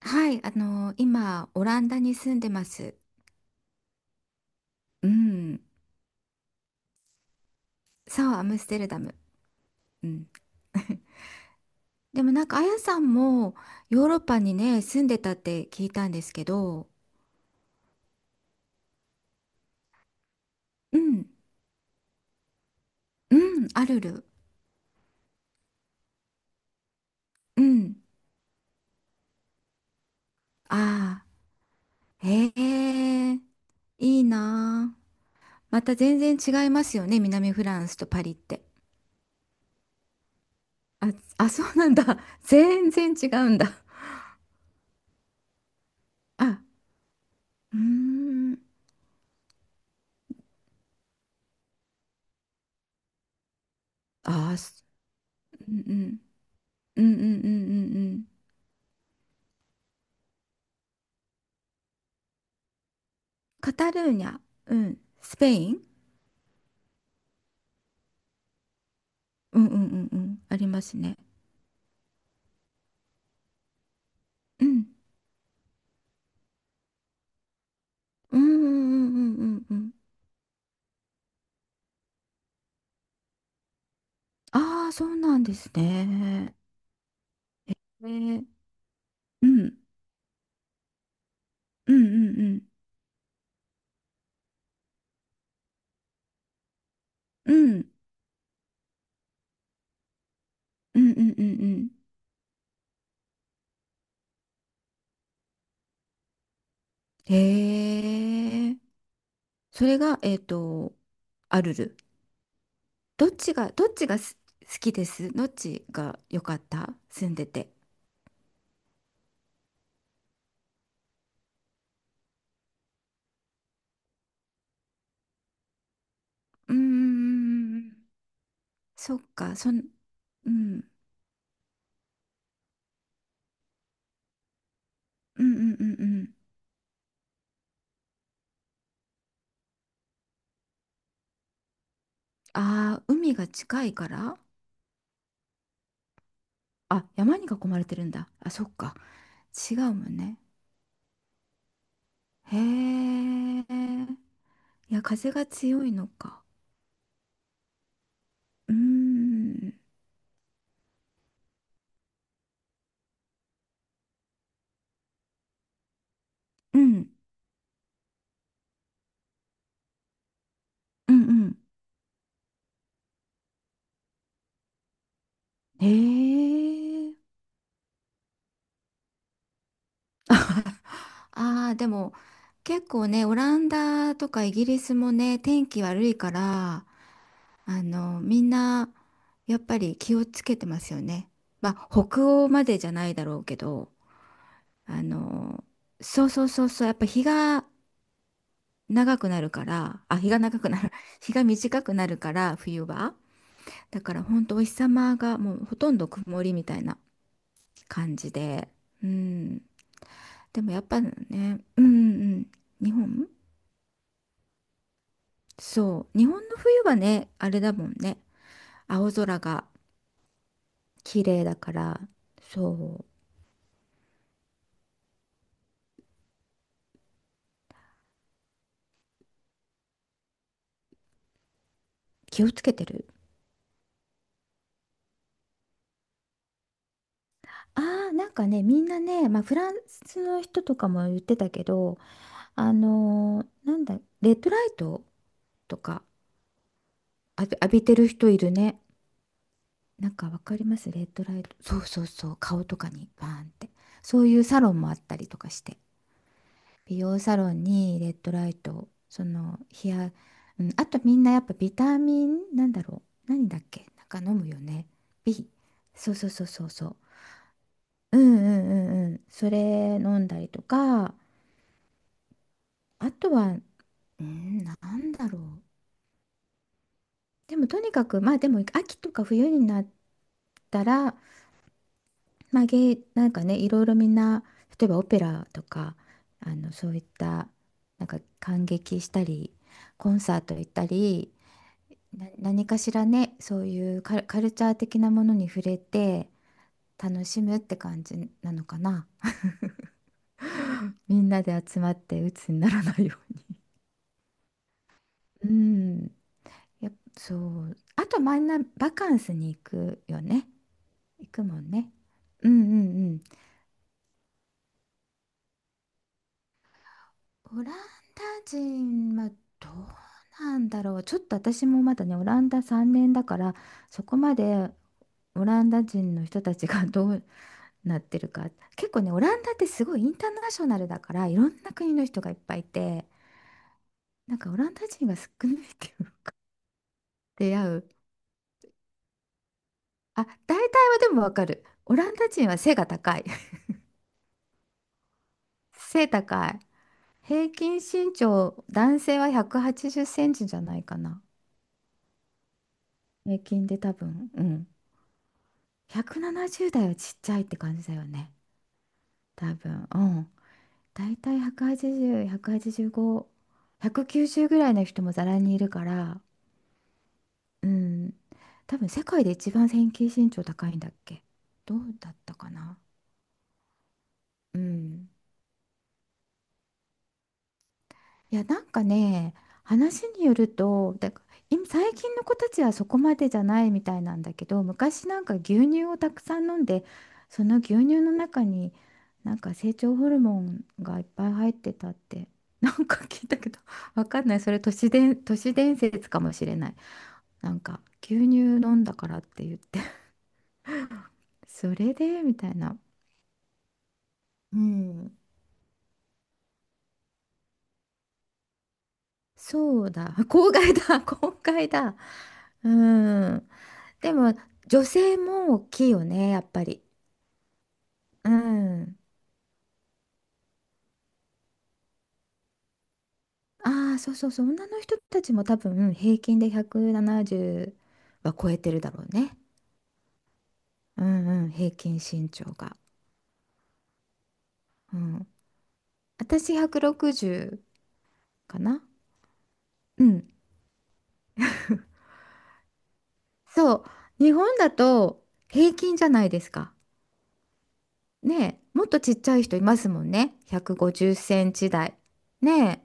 はい、今、オランダに住んでます。うん。そう、アムステルダム。うん。でもなんか、あやさんもヨーロッパにね、住んでたって聞いたんですけど、うん、うん、あるる。うん。ああ、へえ、いいなあ。また全然違いますよね、南フランスとパリって。あ、あ、そうなんだ。全然違うんだ。あ、うーん。ああ、うんうん。うんうんうんうんうん。カタルーニャ、うん、スペイン、うんうんうんうん、ありますね。うん、うんうんうんうんうんうん。ああ、そうなんですね。ね、うん、うんうんうん、うん、うんうんうんうん。へえ、それが、アルル。どっちが好きです？どっちが良かった、住んでて？うーん、そっか、うん、うんうんうんうん。ああ、海が近いから。あ、山に囲まれてるんだ。あ、そっか。違うもんね。へえ。いや、風が強いのか。うーん。うん。うんうん。へえ。ああ、でも、結構ね、オランダとかイギリスもね、天気悪いから、みんな、やっぱり気をつけてますよね。まあ、北欧までじゃないだろうけど、あの、そうそうそうそう、やっぱ日が長くなるから、あ、日が長くなる、日が短くなるから、冬は。だから本当お日様がもうほとんど曇りみたいな感じで、うん。でもやっぱね、うんうんうん、日本、そう、日本の冬はね、あれだもんね、青空が綺麗だから、そう、気をつけてる。ああ、なんかね、みんなね、まあ、フランスの人とかも言ってたけど、なんだ、レッドライトとか、浴びてる人いるね。なんかわかりますレッドライト。そうそうそう。顔とかにバーンって。そういうサロンもあったりとかして。美容サロンにレッドライトを、うん、あとみんなやっぱビタミン、なんだろう。何だっけなんか飲むよね。B。そうそうそうそうそう。うんうんうんうん。それ飲んだりとか、あとは、うん、なんだろう。でもとにかく、まあでも秋とか冬になったら、まあ、なんかね、いろいろみんな、例えばオペラとか、そういった、なんか感激したり、コンサート行ったり、何かしらね、そういうカルチャー的なものに触れて、楽しむって感じなのかな。みんなで集まって鬱にならないように。うん、やっぱそう。あと、みんなバカンスに行くよね。行くもんね。うんうんうん。オランダ人はどうなんだろう。ちょっと私もまだね、オランダ3年だから、そこまでオランダ人の人たちが どうなってるか。結構ね、オランダってすごいインターナショナルだから、いろんな国の人がいっぱいいて、なんかオランダ人が少ないっていうか、出会う。あ、大体はでもわかる。オランダ人は背が高い。背高い。平均身長、男性は180センチじゃないかな。平均で多分、うん。170代はちっちゃいって感じだよね。多分。うん。だいたい180、185、190ぐらいの人もざらにいるから、うん。多分世界で一番平均身長高いんだっけ。どうだったかな。うん。いや、なんかね、話によると、今最近の子たちはそこまでじゃないみたいなんだけど、昔なんか牛乳をたくさん飲んで、その牛乳の中になんか成長ホルモンがいっぱい入ってたって、なんか聞いたけど、わかんない。それ都市伝説かもしれない。なんか牛乳飲んだからって言って、それでみたいな。うん、そうだ。公害だ。公害だ。うん。でも女性も大きいよね、やっぱり。うん。ああ、そうそうそう。女の人たちも多分平均で170は超えてるだろうね。うんうん、平均身長が。うん。私160かな。うん。そう。日本だと平均じゃないですか。ねえ、もっとちっちゃい人いますもんね。150センチ台。ねえ。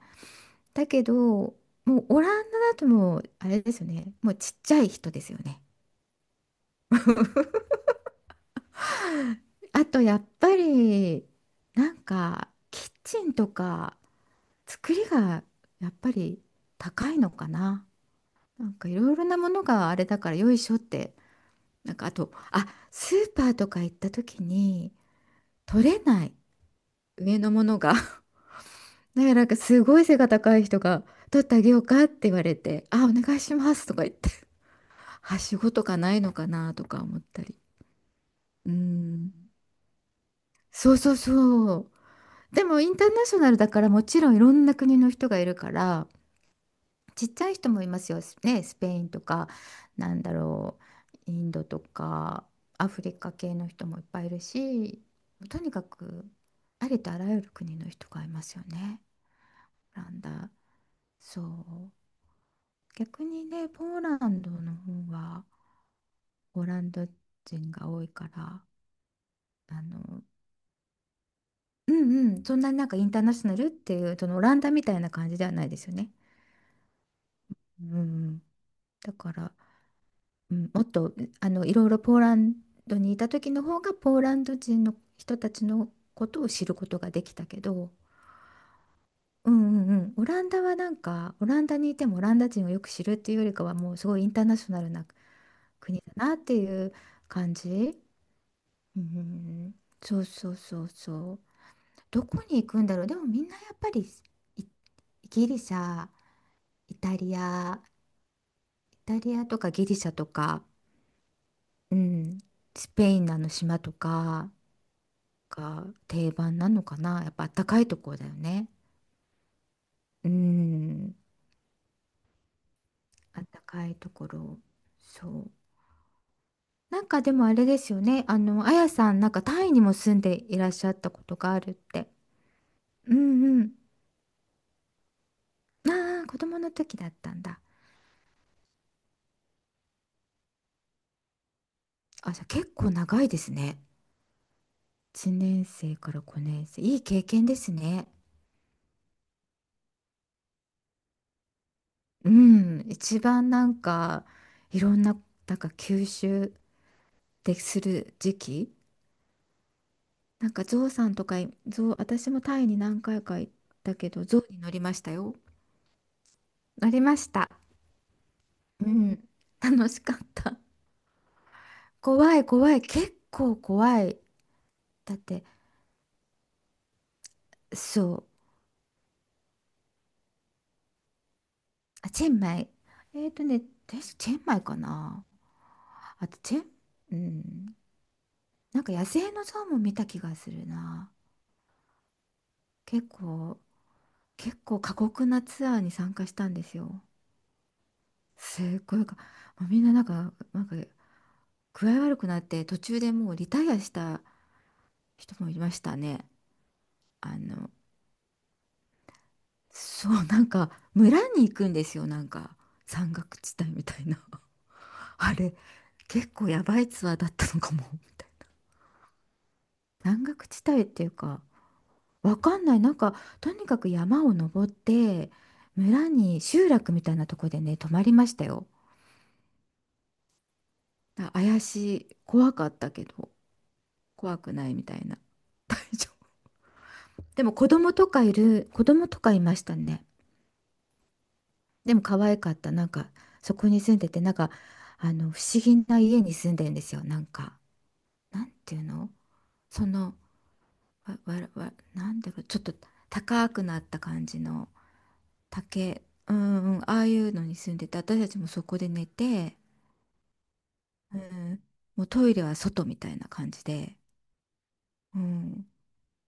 だけど、もうオランダだともうあれですよね。もうちっちゃい人ですよね。あとやっぱりなんかキッチンとか作りがやっぱり高いのかな。なんかいろいろなものがあれだからよいしょって。なんかあと、あ、スーパーとか行った時に取れない上のものが だからなんかすごい背が高い人が取ってあげようかって言われて、あ、お願いしますとか言って、はしごとかないのかなとか思ったり。うん。そうそうそう。でもインターナショナルだからもちろんいろんな国の人がいるからちっちゃい人もいますよ、ね、スペインとかなんだろうインドとかアフリカ系の人もいっぱいいるし、とにかくありとあらゆる国の人がいますよね、オランダ。そう、逆にねポーランドの方はオランダ人が多いから、あのうんうん、そんなになんかインターナショナルっていうそのオランダみたいな感じではないですよね。うんうん、だから、うん、もっといろいろポーランドにいた時の方がポーランド人の人たちのことを知ることができたけど、うんうんうん、オランダはなんかオランダにいてもオランダ人をよく知るっていうよりかはもうすごいインターナショナルな国だなっていう感じ。うん、そうそうそうそう。どこに行くんだろう。でもみんなやっぱりいギリシャ、イタリア、イタリアとかギリシャとか、うん、スペインのあの島とか。が定番なのかな。やっぱあったかいところだよね。うん、あったかいところ。そう。なんかでもあれですよね。あやさん、なんかタイにも住んでいらっしゃったことがあるって。うんうん。ああ、子供の時だったんだ。あ、じゃあ結構長いですね。1年生から5年生。いい経験ですね。うん。一番なんか、いろんな、なんか吸収でする時期。なんかゾウさんとかゾウ、私もタイに何回か行ったけど、ゾウに乗りましたよ。乗りました。うん、楽しかった。怖い怖い。結構怖い。だって、そう。あ、チェンマイ。えっとね、確かチェンマイかな。あと、チェン、うん。なんか野生のゾウも見た気がするな。結構、結構、過酷なツアーに参加したんですよ。すっごいもうみんななんか、具合悪くなって途中でもうリタイアした人もいましたね。あの、そう、なんか村に行くんですよ、なんか山岳地帯みたいな。あれ、結構やばいツアーだったのかも、みたいな。山岳地帯っていうか、わかんない。なんか、とにかく山を登って、村に集落みたいなとこでね、泊まりましたよ。怪しい、怖かったけど、怖くないみたいな。でも子供とかいましたね。でも可愛かった。なんか、そこに住んでて、なんか、不思議な家に住んでるんですよ。なんか、なんていうの、その、わ、わ、わ、なんだろう、ちょっと高くなった感じの竹、うんうん、ああいうのに住んでて、私たちもそこで寝て、うん、もうトイレは外みたいな感じで、うん。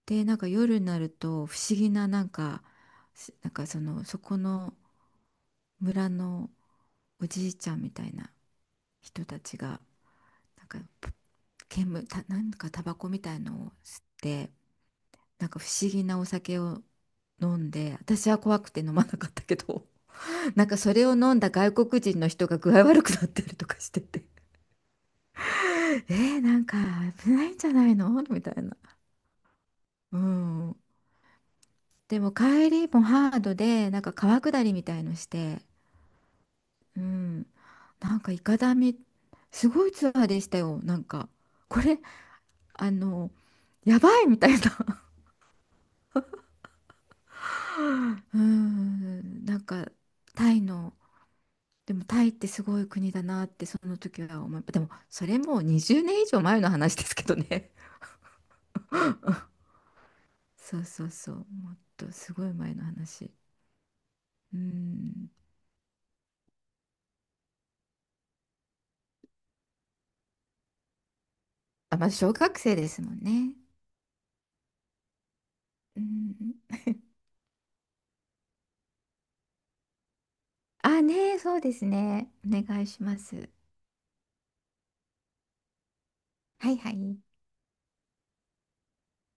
で、なんか夜になると不思議な、なんか、なんかそこの村のおじいちゃんみたいな人たちが、なんかなんかタバコみたいのを吸って、なんか不思議なお酒を飲んで、私は怖くて飲まなかったけど、なんかそれを飲んだ外国人の人が具合悪くなってるとかしてて、えー、なんか危ないんじゃないのみたいな。うん。でも帰りもハードで、なんか川下りみたいのして、うん。なんかいかだみ、すごいツアーでしたよ。なんか、これ、あの、やばいみたいな。うーん、なんかタイの、でもタイってすごい国だなってその時は思い、でもそれもう20年以上前の話ですけどね。そうそうそう、もっとすごい前の話。うん、あ、まず小学生ですもんね。うん、あ、ねえ、そうですね。お願いします。はいはい。